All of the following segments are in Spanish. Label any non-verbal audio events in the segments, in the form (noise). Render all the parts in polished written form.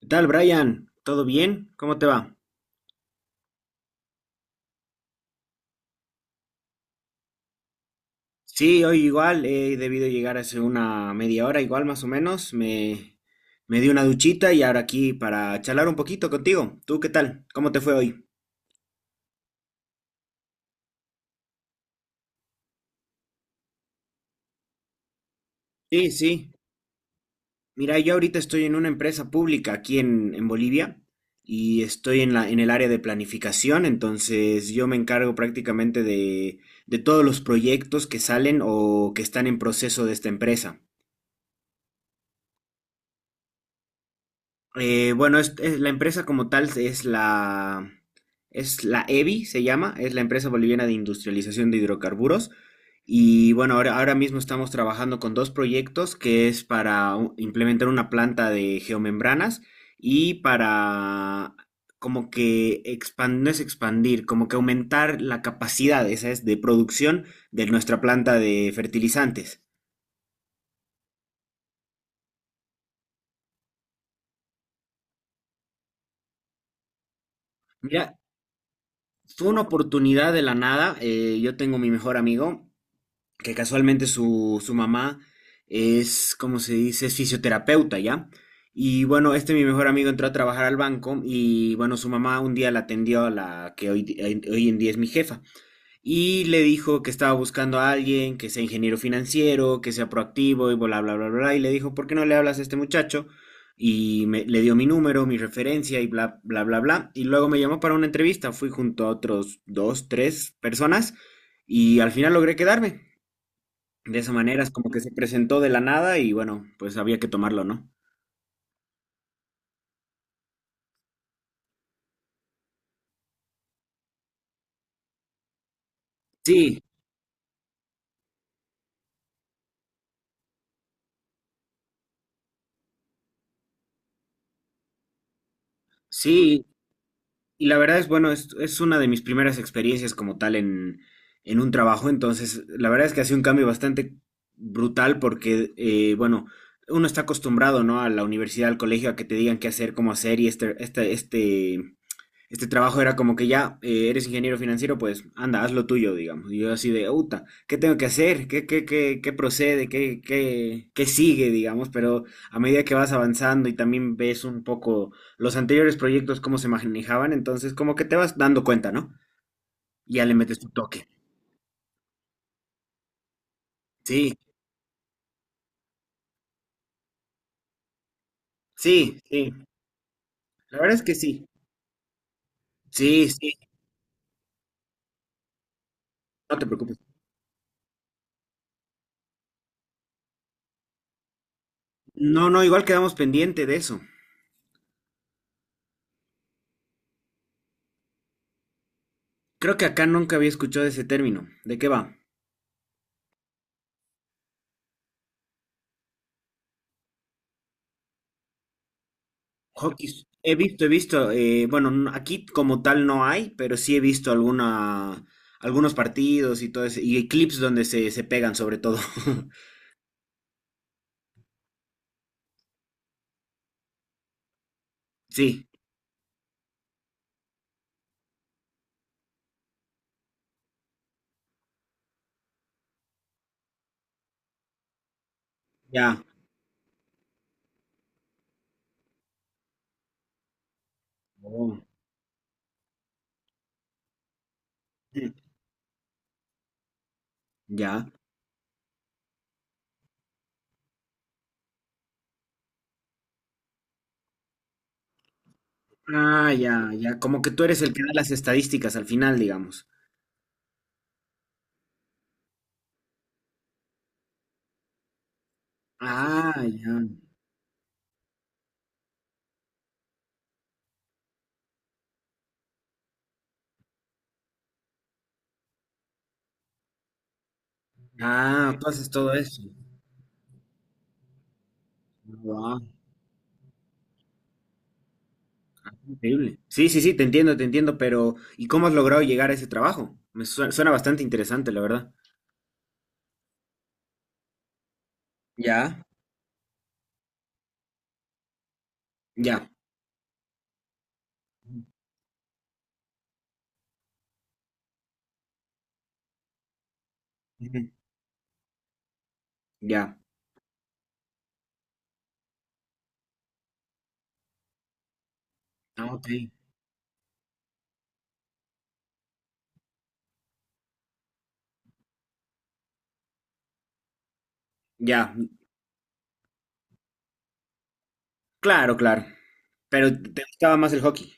¿Qué tal, Brian? ¿Todo bien? ¿Cómo te va? Sí, hoy igual he debido llegar hace una media hora, igual más o menos. Me di una duchita y ahora aquí para charlar un poquito contigo. ¿Tú qué tal? ¿Cómo te fue hoy? Sí, sí. Mira, yo ahorita estoy en una empresa pública aquí en Bolivia y estoy en en el área de planificación, entonces yo me encargo prácticamente de todos los proyectos que salen o que están en proceso de esta empresa. Bueno, la empresa como tal es es la Evi, se llama, es la empresa boliviana de industrialización de hidrocarburos. Y bueno, ahora mismo estamos trabajando con dos proyectos que es para implementar una planta de geomembranas y para como que expandir, no es expandir, como que aumentar la capacidad, esa es, de producción de nuestra planta de fertilizantes. Mira, fue una oportunidad de la nada. Yo tengo mi mejor amigo. Que casualmente su mamá es, como se dice? Es fisioterapeuta, ¿ya? Y bueno, este, mi mejor amigo entró a trabajar al banco y bueno, su mamá un día la atendió a la que hoy, hoy en día es mi jefa y le dijo que estaba buscando a alguien que sea ingeniero financiero, que sea proactivo y bla, bla, bla, bla, y le dijo, ¿por qué no le hablas a este muchacho? Y le dio mi número, mi referencia y bla, bla, bla, bla. Y luego me llamó para una entrevista, fui junto a otros dos, tres personas y al final logré quedarme. De esa manera es como que se presentó de la nada y bueno, pues había que tomarlo, ¿no? Sí, sí, y la verdad es, bueno, es una de mis primeras experiencias como tal en un trabajo, entonces la verdad es que ha sido un cambio bastante brutal porque, bueno, uno está acostumbrado, ¿no? A la universidad, al colegio, a que te digan qué hacer, cómo hacer y este trabajo era como que ya, eres ingeniero financiero, pues anda, haz lo tuyo, digamos. Y yo así de, puta, ¿qué tengo que hacer? ¿Qué, qué, qué procede? ¿Qué, qué sigue, digamos? Pero a medida que vas avanzando y también ves un poco los anteriores proyectos, cómo se manejaban, entonces como que te vas dando cuenta, ¿no? Y ya le metes tu toque. Sí, sí, sí. La verdad es que sí. Sí, sí, no te preocupes. No, no, igual quedamos pendiente de eso. Creo que acá nunca había escuchado ese término. ¿De qué va? Hockey, he visto, bueno, aquí como tal no hay, pero sí he visto alguna, algunos partidos y todo eso, y clips donde se pegan sobre todo. (laughs) Sí, ya. Oh, mm, ya. Ah, ya, ya. Como que tú eres el que da las estadísticas al final, digamos. Ah, ya. Ah, tú haces todo eso. Wow, increíble. Sí, sí, sí, te entiendo, pero ¿y cómo has logrado llegar a ese trabajo? Me suena, suena bastante interesante, la verdad. Ya. Ya. Ujú. Ya. Ah, ok. Ya, claro, claro. Pero te gustaba más el hockey.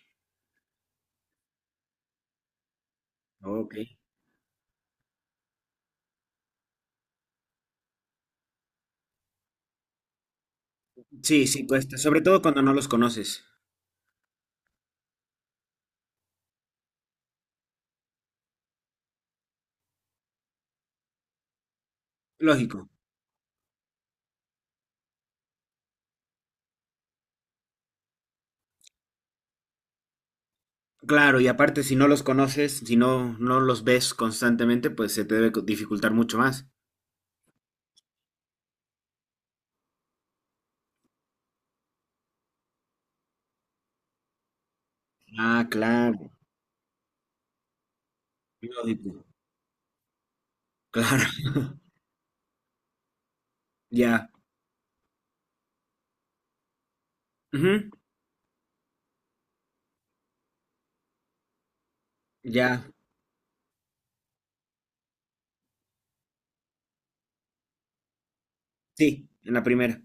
Ok. Sí, sí, cuesta, sobre todo cuando no los conoces. Lógico. Claro, y aparte si no los conoces, si no, no los ves constantemente, pues se te debe dificultar mucho más. Ah, claro, lógico. Claro. (laughs) Ya. Ujú, ya. Sí, en la primera.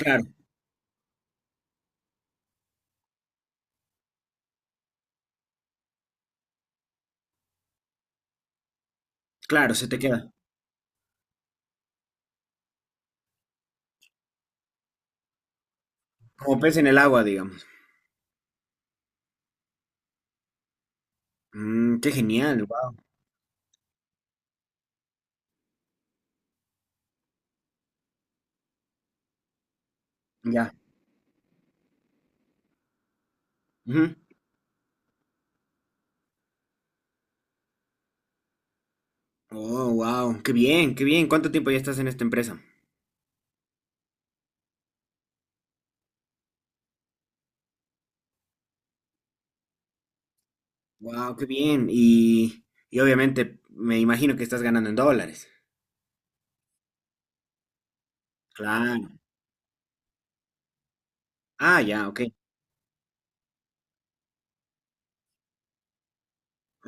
Claro, claro, se te queda. Como pez en el agua, digamos. Mm, qué genial, wow. Ya. Ujú. Oh, wow. Qué bien, qué bien. ¿Cuánto tiempo ya estás en esta empresa? Wow, qué bien. Y obviamente me imagino que estás ganando en dólares. Claro. Ah, ya, ok.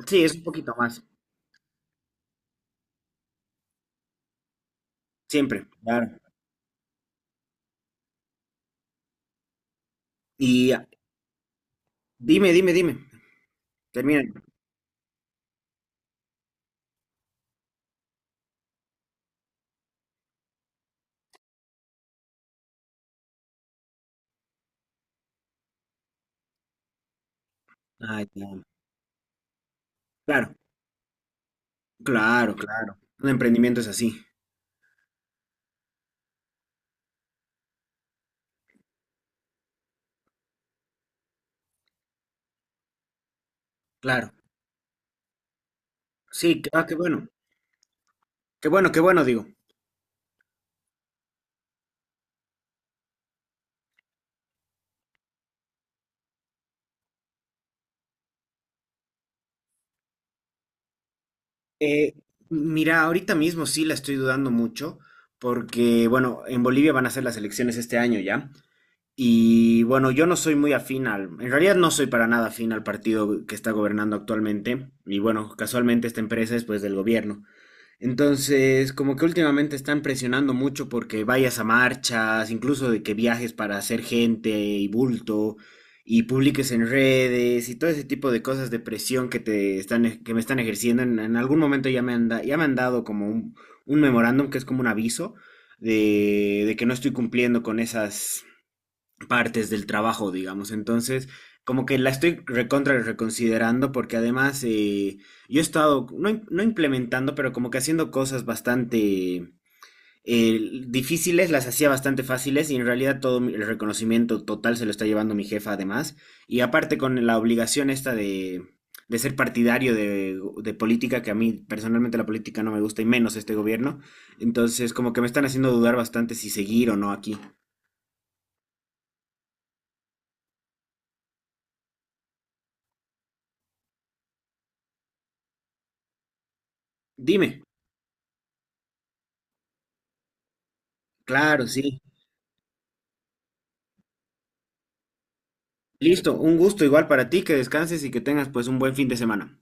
Sí, es un poquito más. Siempre, claro. Y ah, dime, dime, dime. Termina. Ah, ya. Claro, claro, claro. Un emprendimiento es así. Claro. Sí, qué, ah, qué bueno. Qué bueno, qué bueno, digo. Eh, mira, ahorita mismo sí la estoy dudando mucho porque, bueno, en Bolivia van a ser las elecciones este año, ¿ya? Y bueno, yo no soy muy afín al, en realidad no soy para nada afín al partido que está gobernando actualmente. Y bueno, casualmente esta empresa es pues del gobierno. Entonces, como que últimamente están presionando mucho porque vayas a marchas, incluso de que viajes para hacer gente y bulto y publiques en redes y todo ese tipo de cosas de presión que te están, que me están ejerciendo. En algún momento ya me han, ya me han dado como un memorándum que es como un aviso de que no estoy cumpliendo con esas partes del trabajo, digamos. Entonces, como que la estoy recontra reconsiderando porque además yo he estado, no, no implementando, pero como que haciendo cosas bastante difíciles, las hacía bastante fáciles y en realidad todo el reconocimiento total se lo está llevando mi jefa además. Y aparte con la obligación esta de ser partidario de política, que a mí personalmente la política no me gusta y menos este gobierno. Entonces, como que me están haciendo dudar bastante si seguir o no aquí. Dime. Claro, sí. Listo, un gusto igual para ti, que descanses y que tengas pues un buen fin de semana.